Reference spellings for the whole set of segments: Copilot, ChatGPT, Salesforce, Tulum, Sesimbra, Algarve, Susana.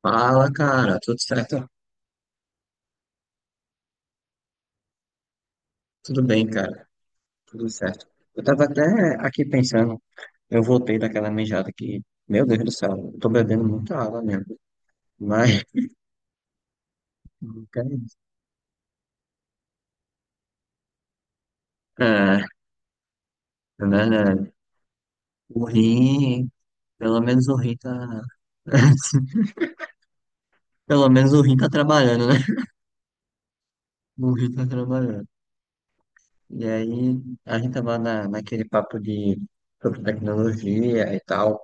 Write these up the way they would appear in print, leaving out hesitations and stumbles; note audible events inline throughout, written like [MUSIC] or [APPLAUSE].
Fala, cara, tudo certo? Tudo bem, cara, tudo certo. Eu tava até aqui pensando, eu voltei daquela mijada que, meu Deus do céu, eu tô bebendo muita água mesmo, mas, [LAUGHS] é, né, né, o rim, pelo menos o rim tá, [LAUGHS] pelo menos o rim tá trabalhando, né? O rim tá trabalhando. E aí, a gente tava naquele papo de, sobre tecnologia e tal,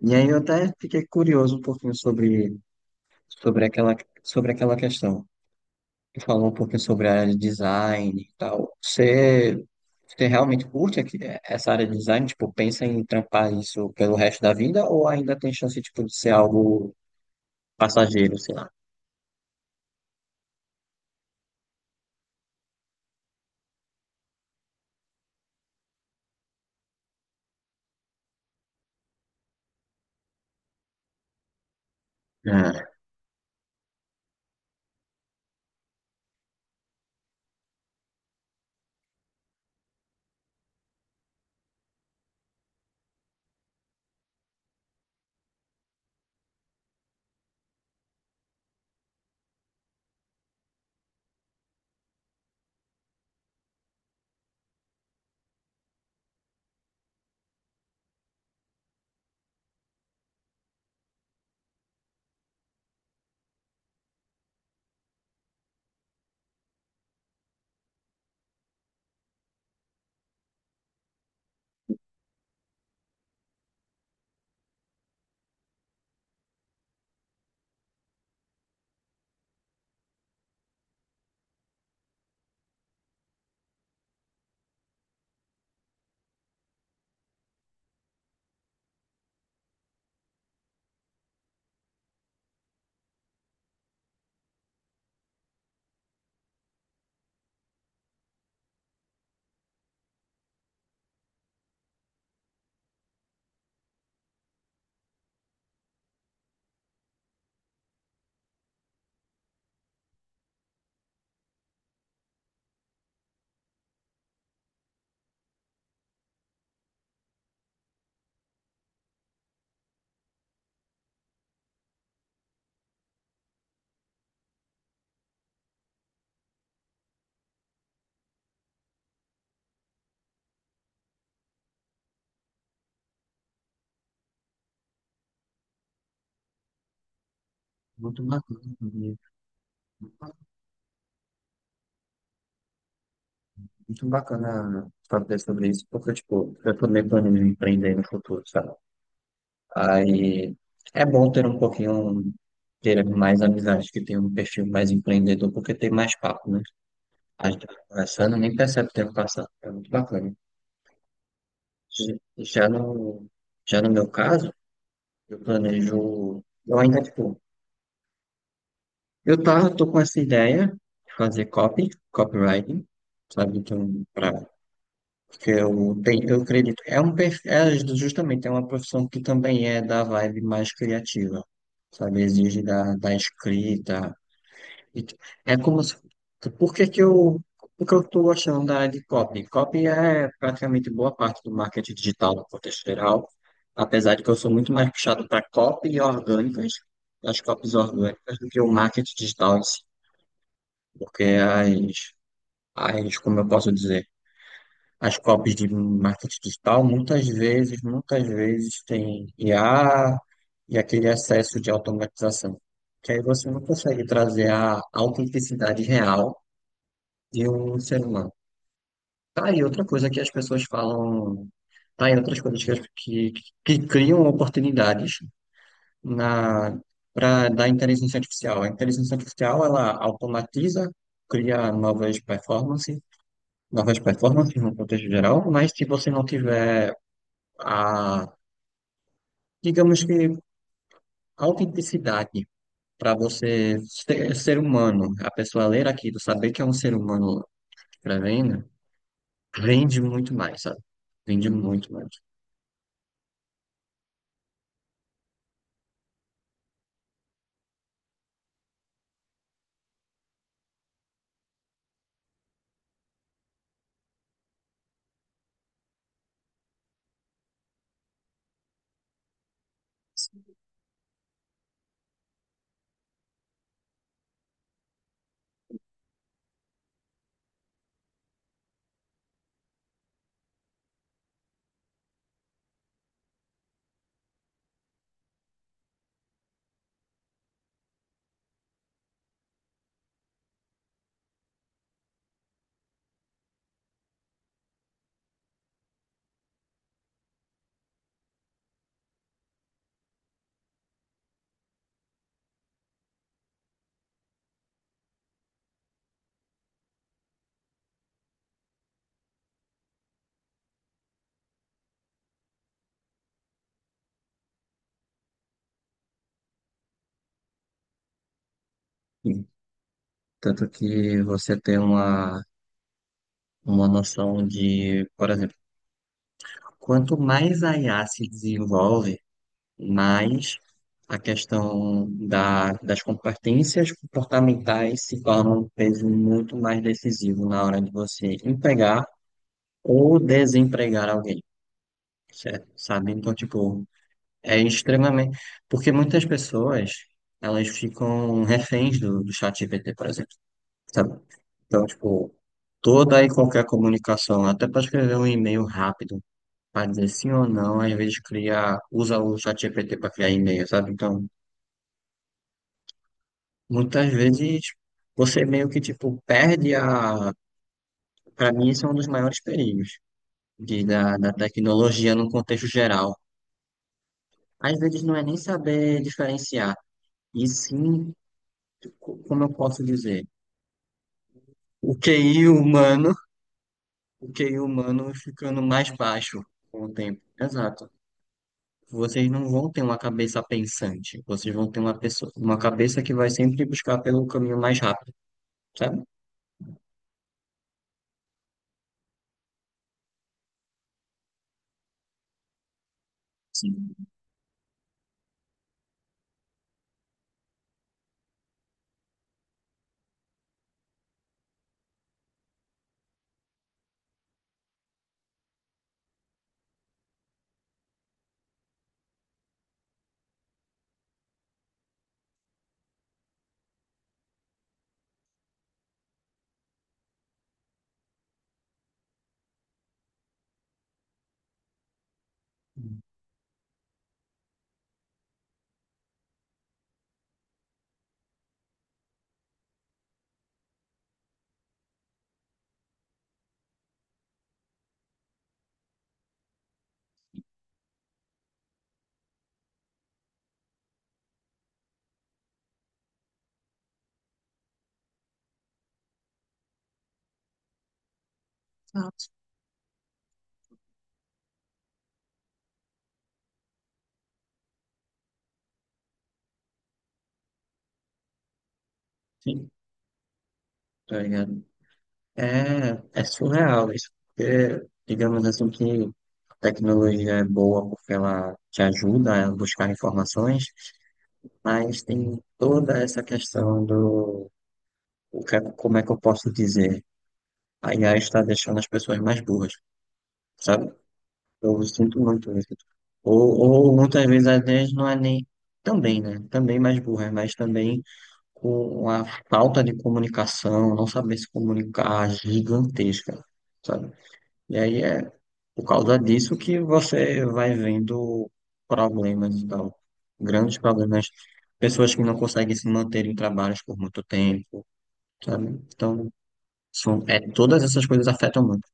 e aí eu até fiquei curioso um pouquinho sobre, sobre aquela, sobre aquela questão. Que falou um pouquinho sobre a área de design e tal. Você, você realmente curte aqui- essa área de design? Tipo, pensa em trampar isso pelo resto da vida ou ainda tem chance, tipo, de ser algo passageiro, sei lá? É, muito bacana, né? Muito bacana saber sobre isso, porque, tipo, eu também planejo empreender no futuro, sabe? Aí é bom ter um pouquinho, ter mais amizades que tem um perfil mais empreendedor, porque tem mais papo, né? A gente tá conversando, nem percebe o tempo passando. É muito bacana. J- Já no, já no meu caso, eu planejo, eu ainda, tipo, tô com essa ideia de fazer copy, copywriting, sabe, então, pra, porque eu tenho, eu acredito, é um, é justamente, é uma profissão que também é da vibe mais criativa, sabe, exige da escrita, E t- É como se... Por que que eu... Por que eu estou gostando da área de copy? Copy é praticamente boa parte do marketing digital no contexto geral, apesar de que eu sou muito mais puxado para copy orgânicas, as copies orgânicas, do que o marketing digital em si. Porque as, como eu posso dizer, as copies de marketing digital muitas vezes tem IA e aquele excesso de automatização. Que aí você não consegue trazer a autenticidade real e o ser humano. Tá aí outra coisa que as pessoas falam, tá aí outras coisas que, que criam oportunidades na para da inteligência artificial. A inteligência artificial, ela automatiza, cria novas performances no contexto geral, mas se você não tiver a, digamos que, autenticidade para você ser, ser humano, a pessoa ler aquilo, saber que é um ser humano escrevendo, vende muito mais, sabe? Vende muito mais. Tanto que você tem uma noção de, por exemplo, quanto mais a IA se desenvolve, mais a questão da, das competências comportamentais se torna um peso muito mais decisivo na hora de você empregar ou desempregar alguém, certo? Sabe? Então, tipo, é extremamente. Porque muitas pessoas, elas ficam reféns do chat GPT, por exemplo. Sabe? Então, tipo, toda e qualquer comunicação, até para escrever um e-mail rápido, para dizer sim ou não, às vezes cria, usa o ChatGPT para criar e-mail, sabe? Então, muitas vezes você meio que, tipo, perde a. Para mim, isso é um dos maiores perigos de, da tecnologia no contexto geral. Às vezes não é nem saber diferenciar, e sim, como eu posso dizer, o QI humano, o QI humano ficando mais baixo com o tempo. Exato. Vocês não vão ter uma cabeça pensante, vocês vão ter uma pessoa, uma cabeça que vai sempre buscar pelo caminho mais rápido, sabe? Sim. Sim, tá ligado? É, é surreal isso, porque digamos assim que a tecnologia é boa porque ela te ajuda a buscar informações, mas tem toda essa questão do o que, como é que eu posso dizer? A IA está deixando as pessoas mais burras, sabe? Eu sinto muito isso. Ou, ou muitas vezes até não é nem. Também, né? Também mais burra, mas também com a falta de comunicação, não saber se comunicar gigantesca, sabe? E aí é por causa disso que você vai vendo problemas e tal. Grandes problemas. Pessoas que não conseguem se manter em trabalhos por muito tempo, sabe? Então, são, é, todas essas coisas afetam muito.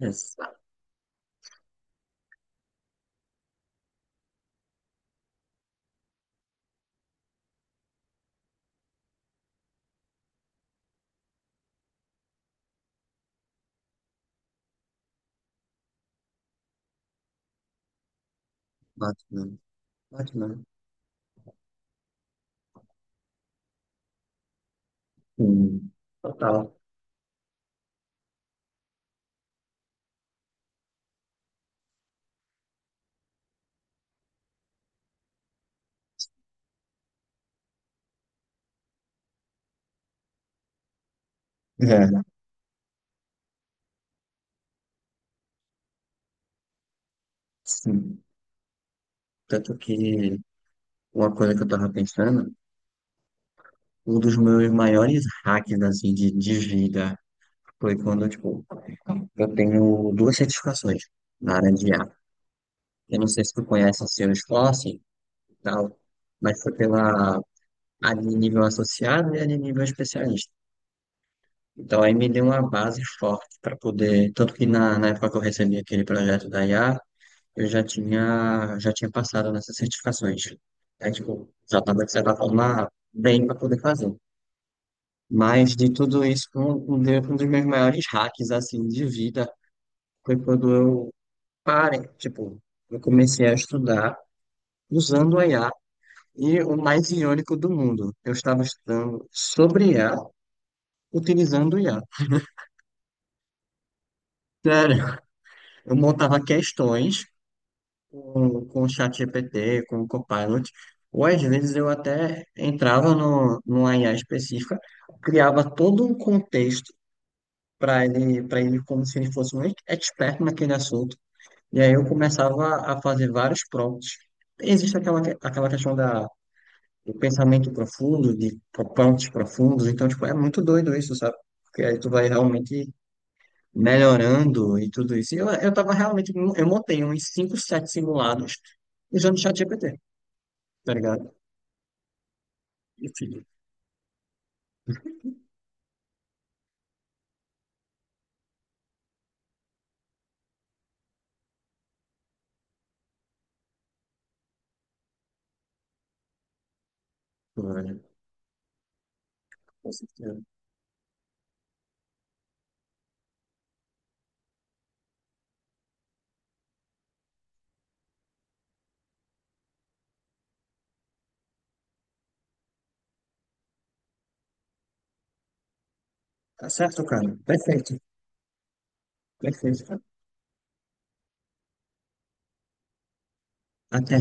Exato. Batman. Batman. Hum. Total. É, sim. Tanto que uma coisa que eu tava pensando, um dos meus maiores hacks assim, de vida foi quando, tipo, eu tenho duas certificações na área de IA. Eu não sei se tu conhece a o Salesforce e tal, mas foi pela a de nível associado e a de nível especialista. Então aí me deu uma base forte para poder, tanto que na época que eu recebi aquele projeto da IA, eu já tinha passado nessas certificações. É, tipo, já estava, de certa forma, bem para poder fazer. Mas de tudo isso, um dos meus maiores hacks, assim, de vida foi quando eu parei, tipo, eu comecei a estudar usando o IA e o mais irônico do mundo, eu estava estudando sobre IA utilizando o IA. Sério, eu montava questões com o ChatGPT, com o Copilot, ou às vezes eu até entrava no, numa IA específica, criava todo um contexto para ele como se ele fosse um expert naquele assunto, e aí eu começava a fazer vários prompts. Existe aquela, aquela questão da, do pensamento profundo, de prompts profundos, então, tipo, é muito doido isso, sabe? Porque aí tu vai realmente melhorando e tudo isso. E eu tava realmente, eu montei uns 5, 7 simulados usando o ChatGPT tá ligado? E filho, pô, velho, com certeza. Tá certo, cara. Perfeito, perfeito, cara. Até.